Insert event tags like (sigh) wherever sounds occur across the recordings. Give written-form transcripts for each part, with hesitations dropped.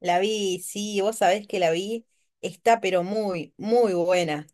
La vi, sí, vos sabés que la vi, está pero muy, muy buena.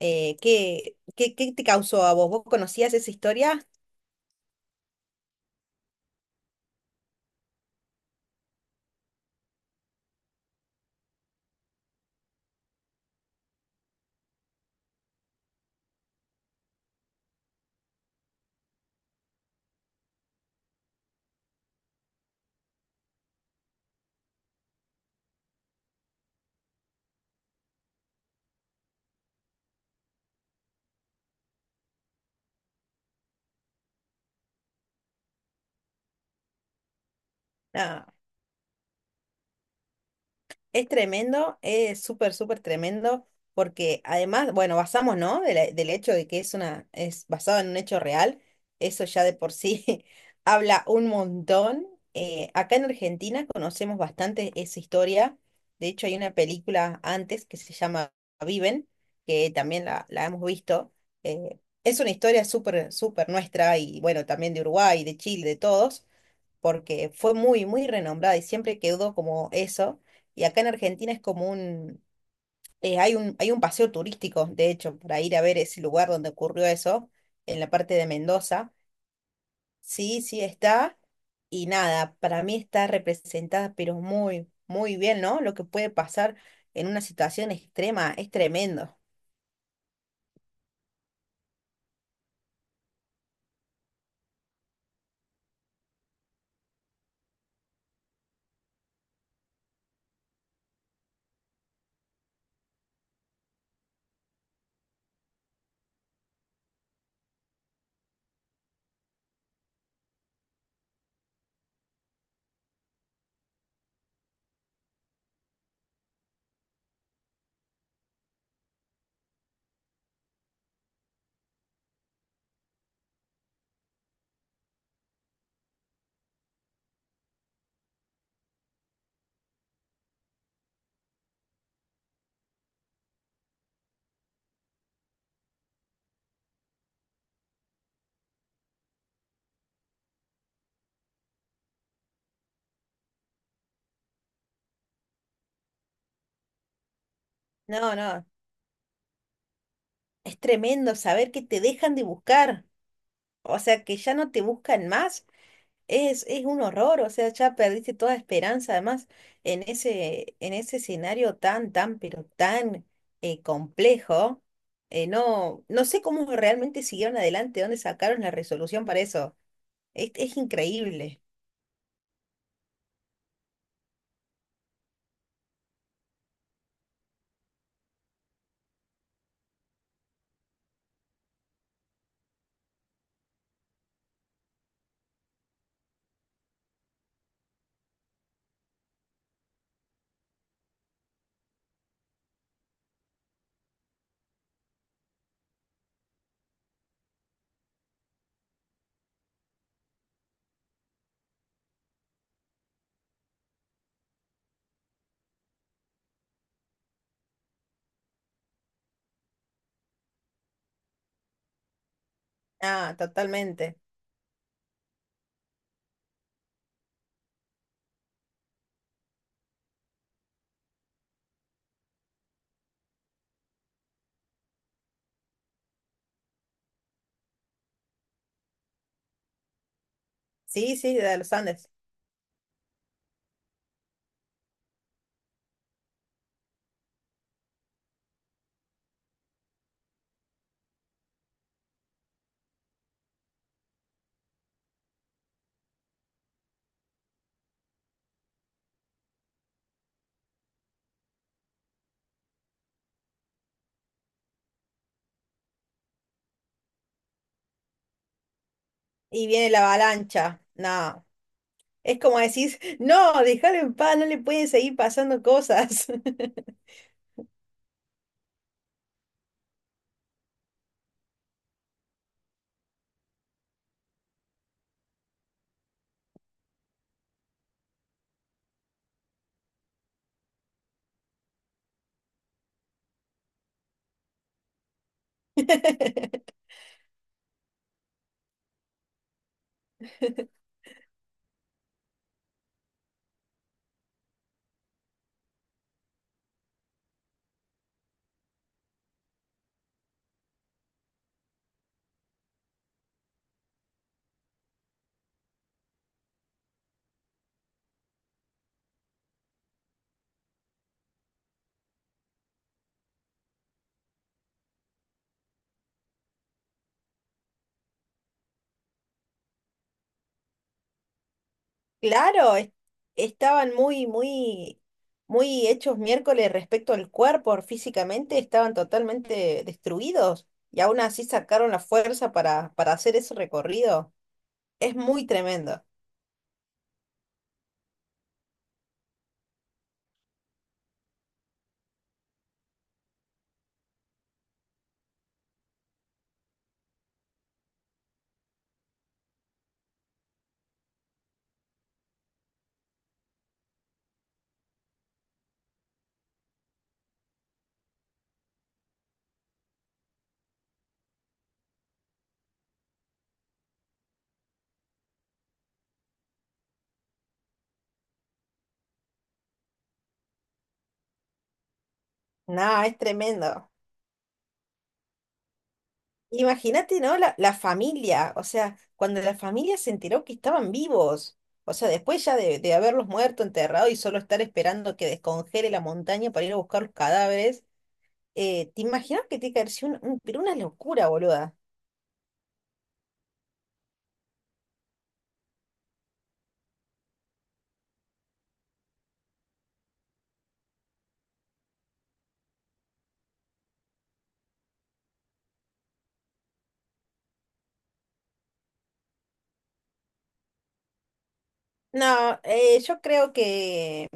¿Qué te causó a vos? ¿Vos conocías esa historia? Ah. Es tremendo, es súper, súper tremendo, porque además, bueno, basamos, ¿no? Del hecho de que es basado en un hecho real, eso ya de por sí (laughs) habla un montón. Acá en Argentina conocemos bastante esa historia. De hecho, hay una película antes que se llama Viven, que también la hemos visto. Es una historia súper, súper nuestra y bueno, también de Uruguay, de Chile, de todos porque fue muy, muy renombrada y siempre quedó como eso. Y acá en Argentina es como hay un paseo turístico, de hecho, para ir a ver ese lugar donde ocurrió eso, en la parte de Mendoza. Sí, sí está. Y nada, para mí está representada, pero muy, muy bien, ¿no? Lo que puede pasar en una situación extrema es tremendo. No, no, es tremendo saber que te dejan de buscar. O sea, que ya no te buscan más. Es un horror, o sea, ya perdiste toda esperanza, además, en ese escenario tan, tan, pero tan complejo, no sé cómo realmente siguieron adelante, dónde sacaron la resolución para eso. Es increíble. Ah, totalmente. Sí, sí, de los Andes. Y viene la avalancha. No, es como decís, (laughs) no, déjalo en paz, no le pueden seguir pasando cosas. (laughs) Claro, estaban muy, muy, muy hechos miércoles respecto al cuerpo, físicamente estaban totalmente destruidos y aún así sacaron la fuerza para hacer ese recorrido. Es muy tremendo. No, es tremendo. Imagínate, ¿no? La familia, o sea, cuando la familia se enteró que estaban vivos, o sea, después ya de haberlos muerto, enterrado y solo estar esperando que descongele la montaña para ir a buscar los cadáveres. ¿Te imaginas que tiene que haber sido pero una locura, boluda? No, yo creo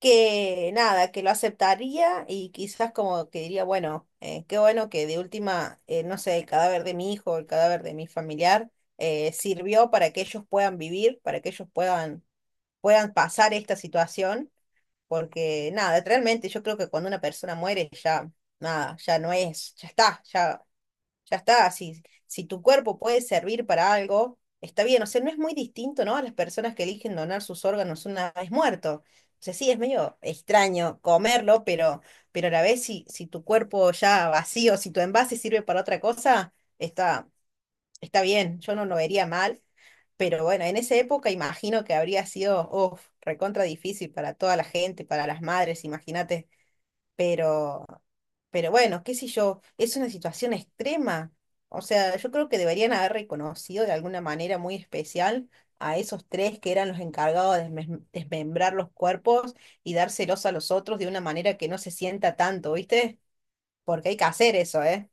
que nada, que lo aceptaría y quizás como que diría, bueno, qué bueno que de última, no sé, el cadáver de mi hijo, el cadáver de mi familiar, sirvió para que ellos puedan vivir, para que ellos puedan, puedan pasar esta situación, porque nada, realmente yo creo que cuando una persona muere ya, nada, ya no es, ya está, ya está, si, si tu cuerpo puede servir para algo, está bien. O sea, no es muy distinto, ¿no? A las personas que eligen donar sus órganos una vez muerto. O sea, sí, es medio extraño comerlo, pero a la vez si, si tu cuerpo ya vacío, si tu envase sirve para otra cosa, está, está bien. Yo no lo vería mal. Pero bueno, en esa época imagino que habría sido, uf, recontra difícil para toda la gente, para las madres, imagínate. Pero, pero bueno, qué sé yo, es una situación extrema. O sea, yo creo que deberían haber reconocido de alguna manera muy especial a esos tres que eran los encargados de desmembrar los cuerpos y dárselos a los otros de una manera que no se sienta tanto, ¿viste? Porque hay que hacer eso, ¿eh?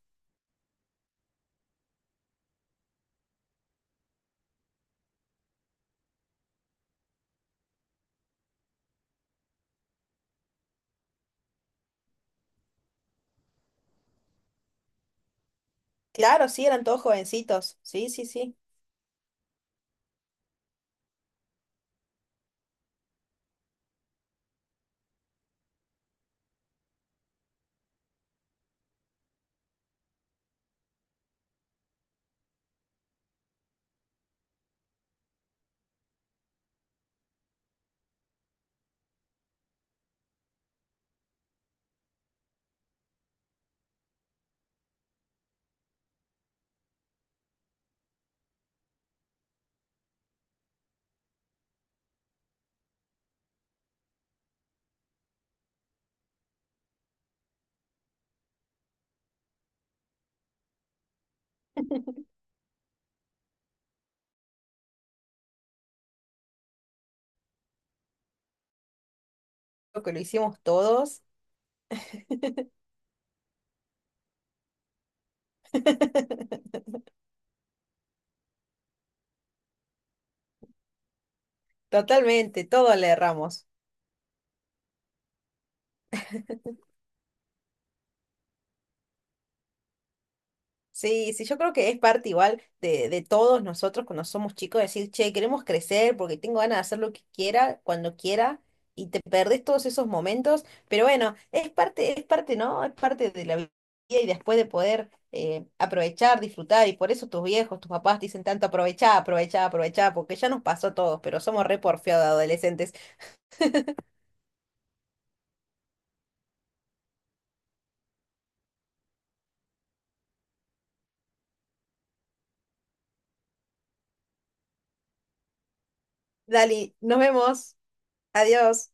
Claro, sí, eran todos jovencitos. Sí, sí, sí. Creo que lo hicimos todos. (laughs) Totalmente, todos le erramos. Sí, sí, yo creo que es parte igual de todos nosotros cuando somos chicos, decir, che, queremos crecer porque tengo ganas de hacer lo que quiera, cuando quiera, y te perdés todos esos momentos, pero bueno, es parte, ¿no? Es parte de la vida y después de poder aprovechar, disfrutar, y por eso tus viejos, tus papás dicen tanto, aprovechá, aprovechá, aprovechá, porque ya nos pasó a todos, pero somos re porfiados de adolescentes. Dali, nos vemos, adiós.